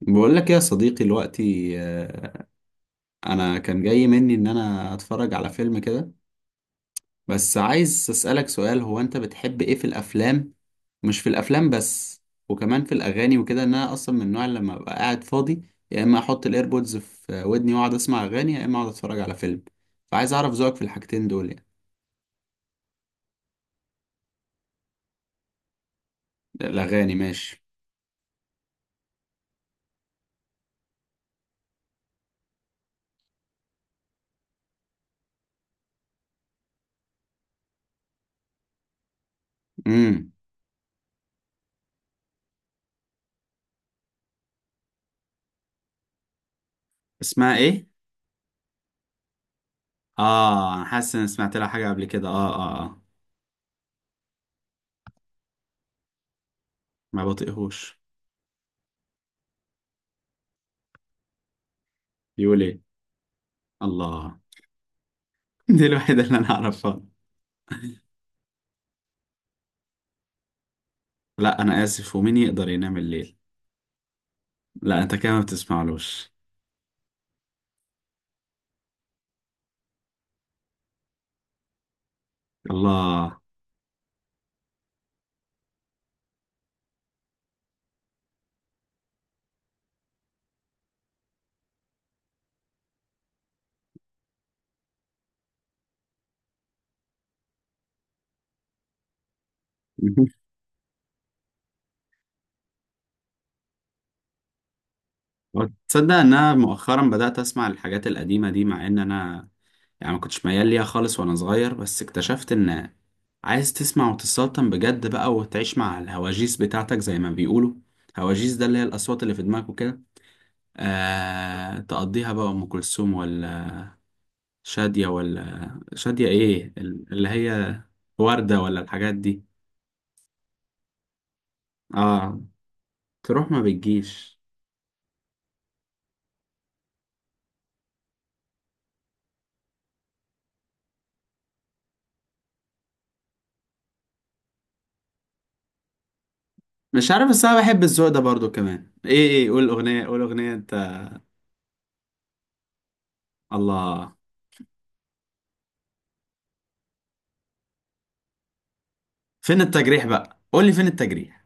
بقول لك يا صديقي دلوقتي، انا كان جاي مني ان انا اتفرج على فيلم كده. بس عايز اسالك سؤال، هو انت بتحب ايه في الافلام؟ مش في الافلام بس، وكمان في الاغاني وكده، ان انا اصلا من النوع اللي لما ابقى قاعد فاضي، يا اما احط الايربودز في ودني واقعد اسمع اغاني، يا اما اقعد اتفرج على فيلم. فعايز اعرف ذوقك في الحاجتين دول يعني. الاغاني ماشي. امم. اسمها ايه؟ اه، انا حاسس ان سمعت لها حاجه قبل كده، اه اه اه. ما بطيقهوش. بيقول ايه؟ الله. دي الوحيدة اللي أنا أعرفها. لا، أنا آسف، ومين يقدر ينام الليل؟ لا، أنت كده ما بتسمعلوش. الله. تصدق إن أنا مؤخرا بدأت أسمع الحاجات القديمة دي، مع إن أنا يعني ما كنتش ميال ليها خالص وأنا صغير، بس اكتشفت إن عايز تسمع وتسلطن بجد بقى، وتعيش مع الهواجيس بتاعتك زي ما بيقولوا. هواجيس، ده اللي هي الأصوات اللي في دماغك وكده. تقضيها بقى أم كلثوم، ولا شادية، ولا شادية إيه اللي هي، وردة ولا الحاجات دي؟ اه، تروح ما بتجيش. مش عارف، بس انا بحب الذوق ده برضو كمان. ايه ايه، قول اغنية قول اغنية انت. الله. فين التجريح بقى، قول لي فين التجريح؟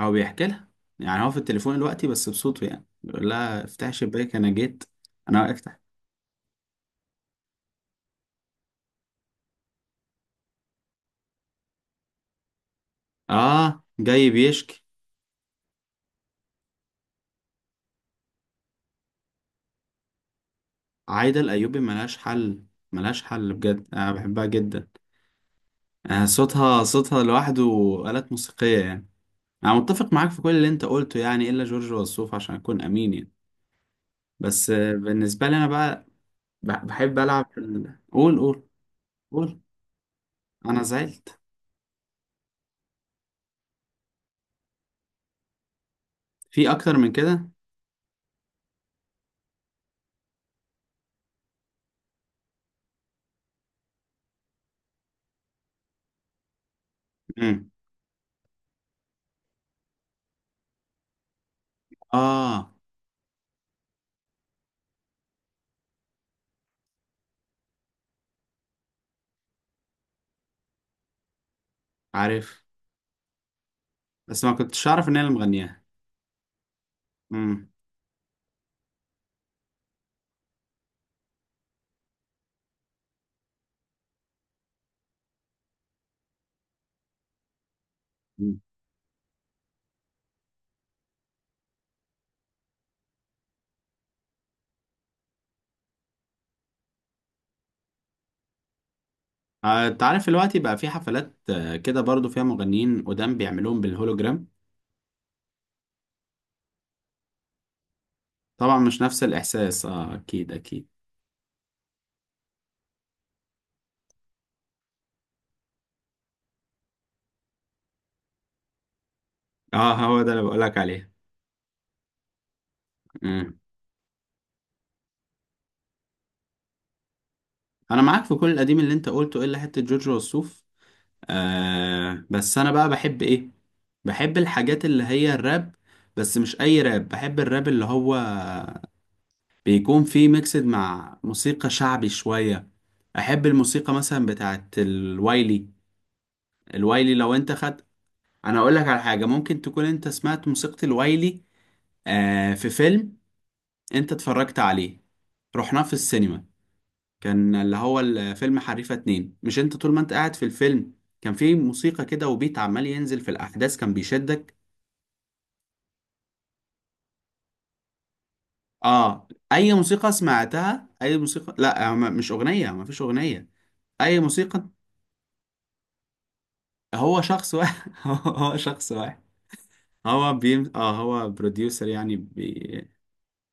هو بيحكي لها؟ يعني هو في التليفون دلوقتي بس بصوته يعني بيقول لها افتحي شباك انا جيت انا واقف تحت. اه، جاي بيشكي. عايدة الايوبي ملهاش حل. ملهاش حل بجد، انا بحبها جدا. آه، صوتها صوتها لوحده. آلات موسيقية يعني. انا متفق معاك في كل اللي انت قلته يعني، الا جورج وسوف عشان اكون امين يعني. بس بالنسبة لي أنا بقى بحب ألعب في قول قول. قول. أنا زعلت. في أكتر من كده؟ امم. آه. عارف. بس ما كنتش أعرف إن هي اللي مغنياها. امم. أمم. أنت عارف دلوقتي بقى في حفلات كده برضو فيها مغنيين قدام بيعملوهم بالهولوجرام. طبعا مش نفس الإحساس، أكيد أكيد. آه، هو ده اللي بقولك عليه. امم. أنا معاك في كل القديم اللي أنت قلته، إلا حتة جورج وسوف. بس انا بقى بحب ايه؟ بحب الحاجات اللي هي الراب. بس مش اي راب، بحب الراب اللي هو بيكون فيه ميكسد مع موسيقى شعبي شوية. احب الموسيقى مثلا بتاعت الوايلي. الوايلي لو انت خدت، انا اقول لك على حاجة ممكن تكون انت سمعت موسيقى الوايلي. آه، في فيلم انت اتفرجت عليه، رحناه في السينما، كان اللي هو الفيلم حريفة 2. مش انت طول ما انت قاعد في الفيلم كان في موسيقى كده وبيت عمال ينزل في الأحداث كان بيشدك. اه، أي موسيقى سمعتها، أي موسيقى، لا، مش أغنية، ما فيش أغنية. أي موسيقى. هو شخص واحد. هو شخص واحد. هو اه، هو بروديوسر يعني،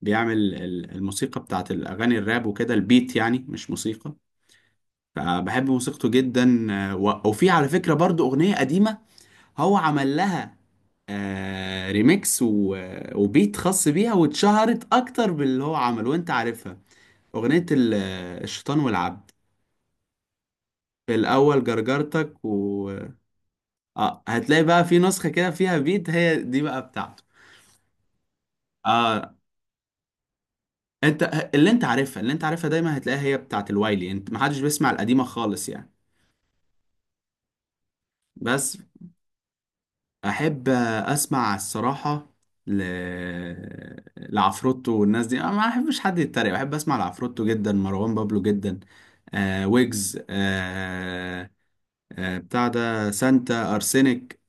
بيعمل الموسيقى بتاعت الأغاني الراب وكده، البيت يعني مش موسيقى. فبحب موسيقته جدا، آه، و... وفي على فكرة برضو أغنية قديمة هو عمل لها ريميكس وبيت خاص بيها، واتشهرت اكتر باللي هو عمله وانت عارفها. اغنية الشيطان والعبد. في الاول جرجرتك اه، هتلاقي بقى في نسخة كده فيها بيت، هي دي بقى بتاعته. اه، انت اللي انت عارفها، اللي انت عارفها دايما هتلاقيها هي بتاعت الوايلي، انت محدش بيسمع القديمة خالص يعني. بس احب اسمع الصراحه، ل... لعفروتو والناس دي. انا ما احبش حد يتريق، بحب اسمع لعفروتو جدا، مروان بابلو جدا، ويجز، بتاع ده، سانتا ارسينيك.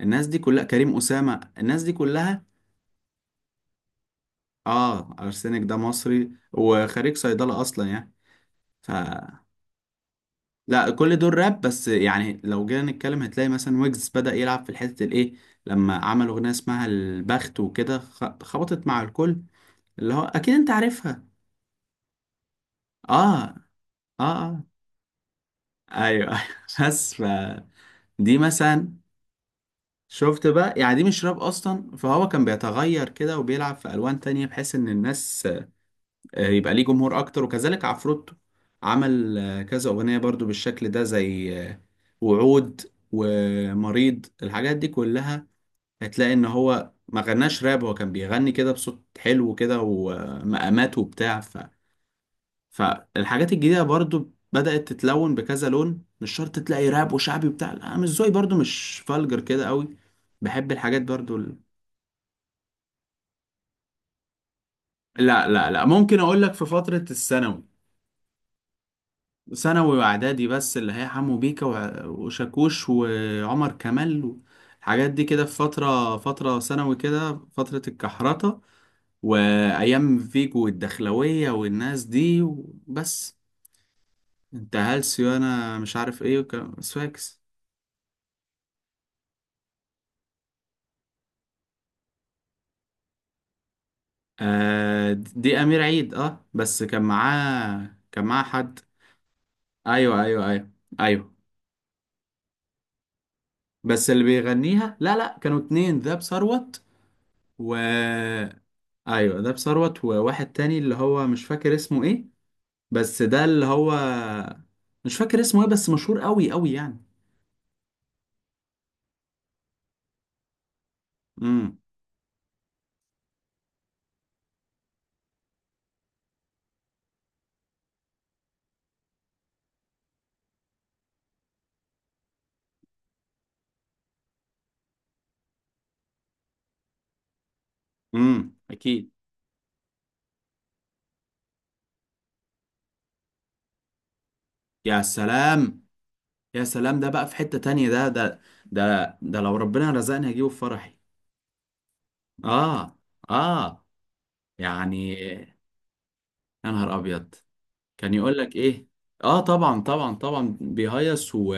الناس دي كلها، كريم اسامه، الناس دي كلها. اه، ارسينيك ده مصري وخريج صيدله اصلا يعني. ف لا، كل دول راب، بس يعني لو جينا نتكلم هتلاقي مثلا ويجز بدأ يلعب في الحتة الايه لما عمل اغنية اسمها البخت وكده خبطت مع الكل، اللي هو اكيد انت عارفها. اه اه اه. ايوه ايوه. بس دي مثلا، شفت بقى يعني دي مش راب اصلا، فهو كان بيتغير كده وبيلعب في الوان تانية بحيث ان الناس يبقى ليه جمهور اكتر، وكذلك عفروتو عمل كذا اغنية برضو بالشكل ده زي وعود ومريض، الحاجات دي كلها. هتلاقي ان هو ما غناش راب، هو كان بيغني كده بصوت حلو كده، ومقامات وبتاع. فالحاجات الجديدة برضو بدأت تتلون بكذا لون، مش شرط تلاقي راب وشعبي وبتاع، لا، انا مش ذوقي برضو مش فالجر كده قوي. بحب الحاجات برضو لا لا لا، ممكن اقول لك في فترة الثانوي، ثانوي واعدادي، بس اللي هي حمو بيكا وشاكوش وعمر كمال. الحاجات دي كده في فترة ثانوي كده، فترة الكحرطة، وأيام فيجو والدخلوية والناس دي، بس انت هلسي وأنا مش عارف ايه سواكس. آه، دي امير عيد. اه، بس كان معاه حد. ايوه ايوه ايوه. ايوه. بس اللي بيغنيها، لا لا، كانوا اتنين ذاب ثروت و ايوه، ذاب ثروت وواحد تاني اللي هو مش فاكر اسمه ايه، بس ده اللي هو مش فاكر اسمه ايه، بس مشهور قوي قوي يعني. امم. اكيد. يا سلام. يا سلام، ده بقى في حتة تانية، ده ده، ده ده لو ربنا رزقني هجيبه في فرحي. اه. اه يعني. يا نهار ابيض. كان يقول لك ايه؟ اه، طبعا طبعا طبعا بيهيص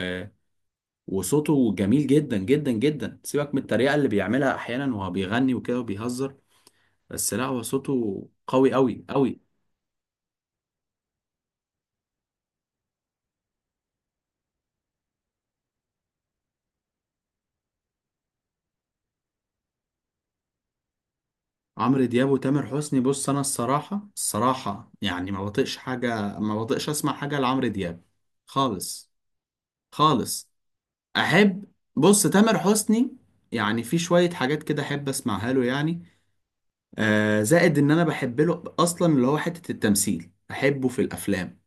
وصوته جميل جدا جدا جدا، سيبك من الطريقه اللي بيعملها احيانا وهو بيغني وكده وبيهزر، بس لا، هو صوته قوي قوي قوي. عمرو دياب وتامر حسني؟ بص، انا الصراحه الصراحه يعني ما بطيقش حاجه، ما بطيقش اسمع حاجه لعمرو دياب خالص. خالص. احب، بص تامر حسني، يعني في شويه حاجات كده احب اسمعها له يعني، زائد ان انا بحب له اصلا اللي هو حتة التمثيل، احبه في الافلام.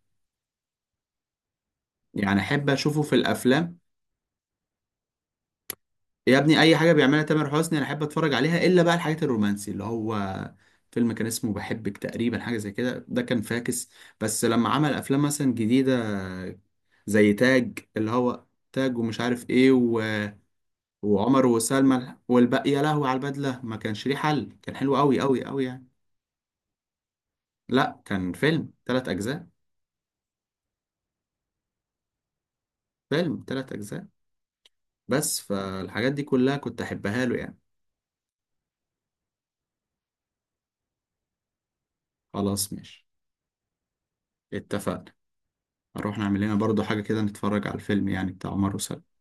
يعني احب اشوفه في الافلام. يا ابني، اي حاجة بيعملها تامر حسني انا احب اتفرج عليها، الا بقى الحاجات الرومانسي اللي هو فيلم كان اسمه بحبك تقريبا، حاجة زي كده، ده كان فاكس. بس لما عمل افلام مثلا جديدة زي تاج، اللي هو تاج ومش عارف ايه وعمر وسلمى والباقي، يا لهوي على البدلة، ما كانش ليه حل، كان حلو قوي قوي قوي يعني. لا، كان فيلم 3 اجزاء. فيلم 3 اجزاء. بس فالحاجات دي كلها كنت احبها له يعني. خلاص ماشي، اتفقنا. هنروح نعمل لنا برضو حاجة كده، نتفرج على الفيلم يعني بتاع عمر وسلمى.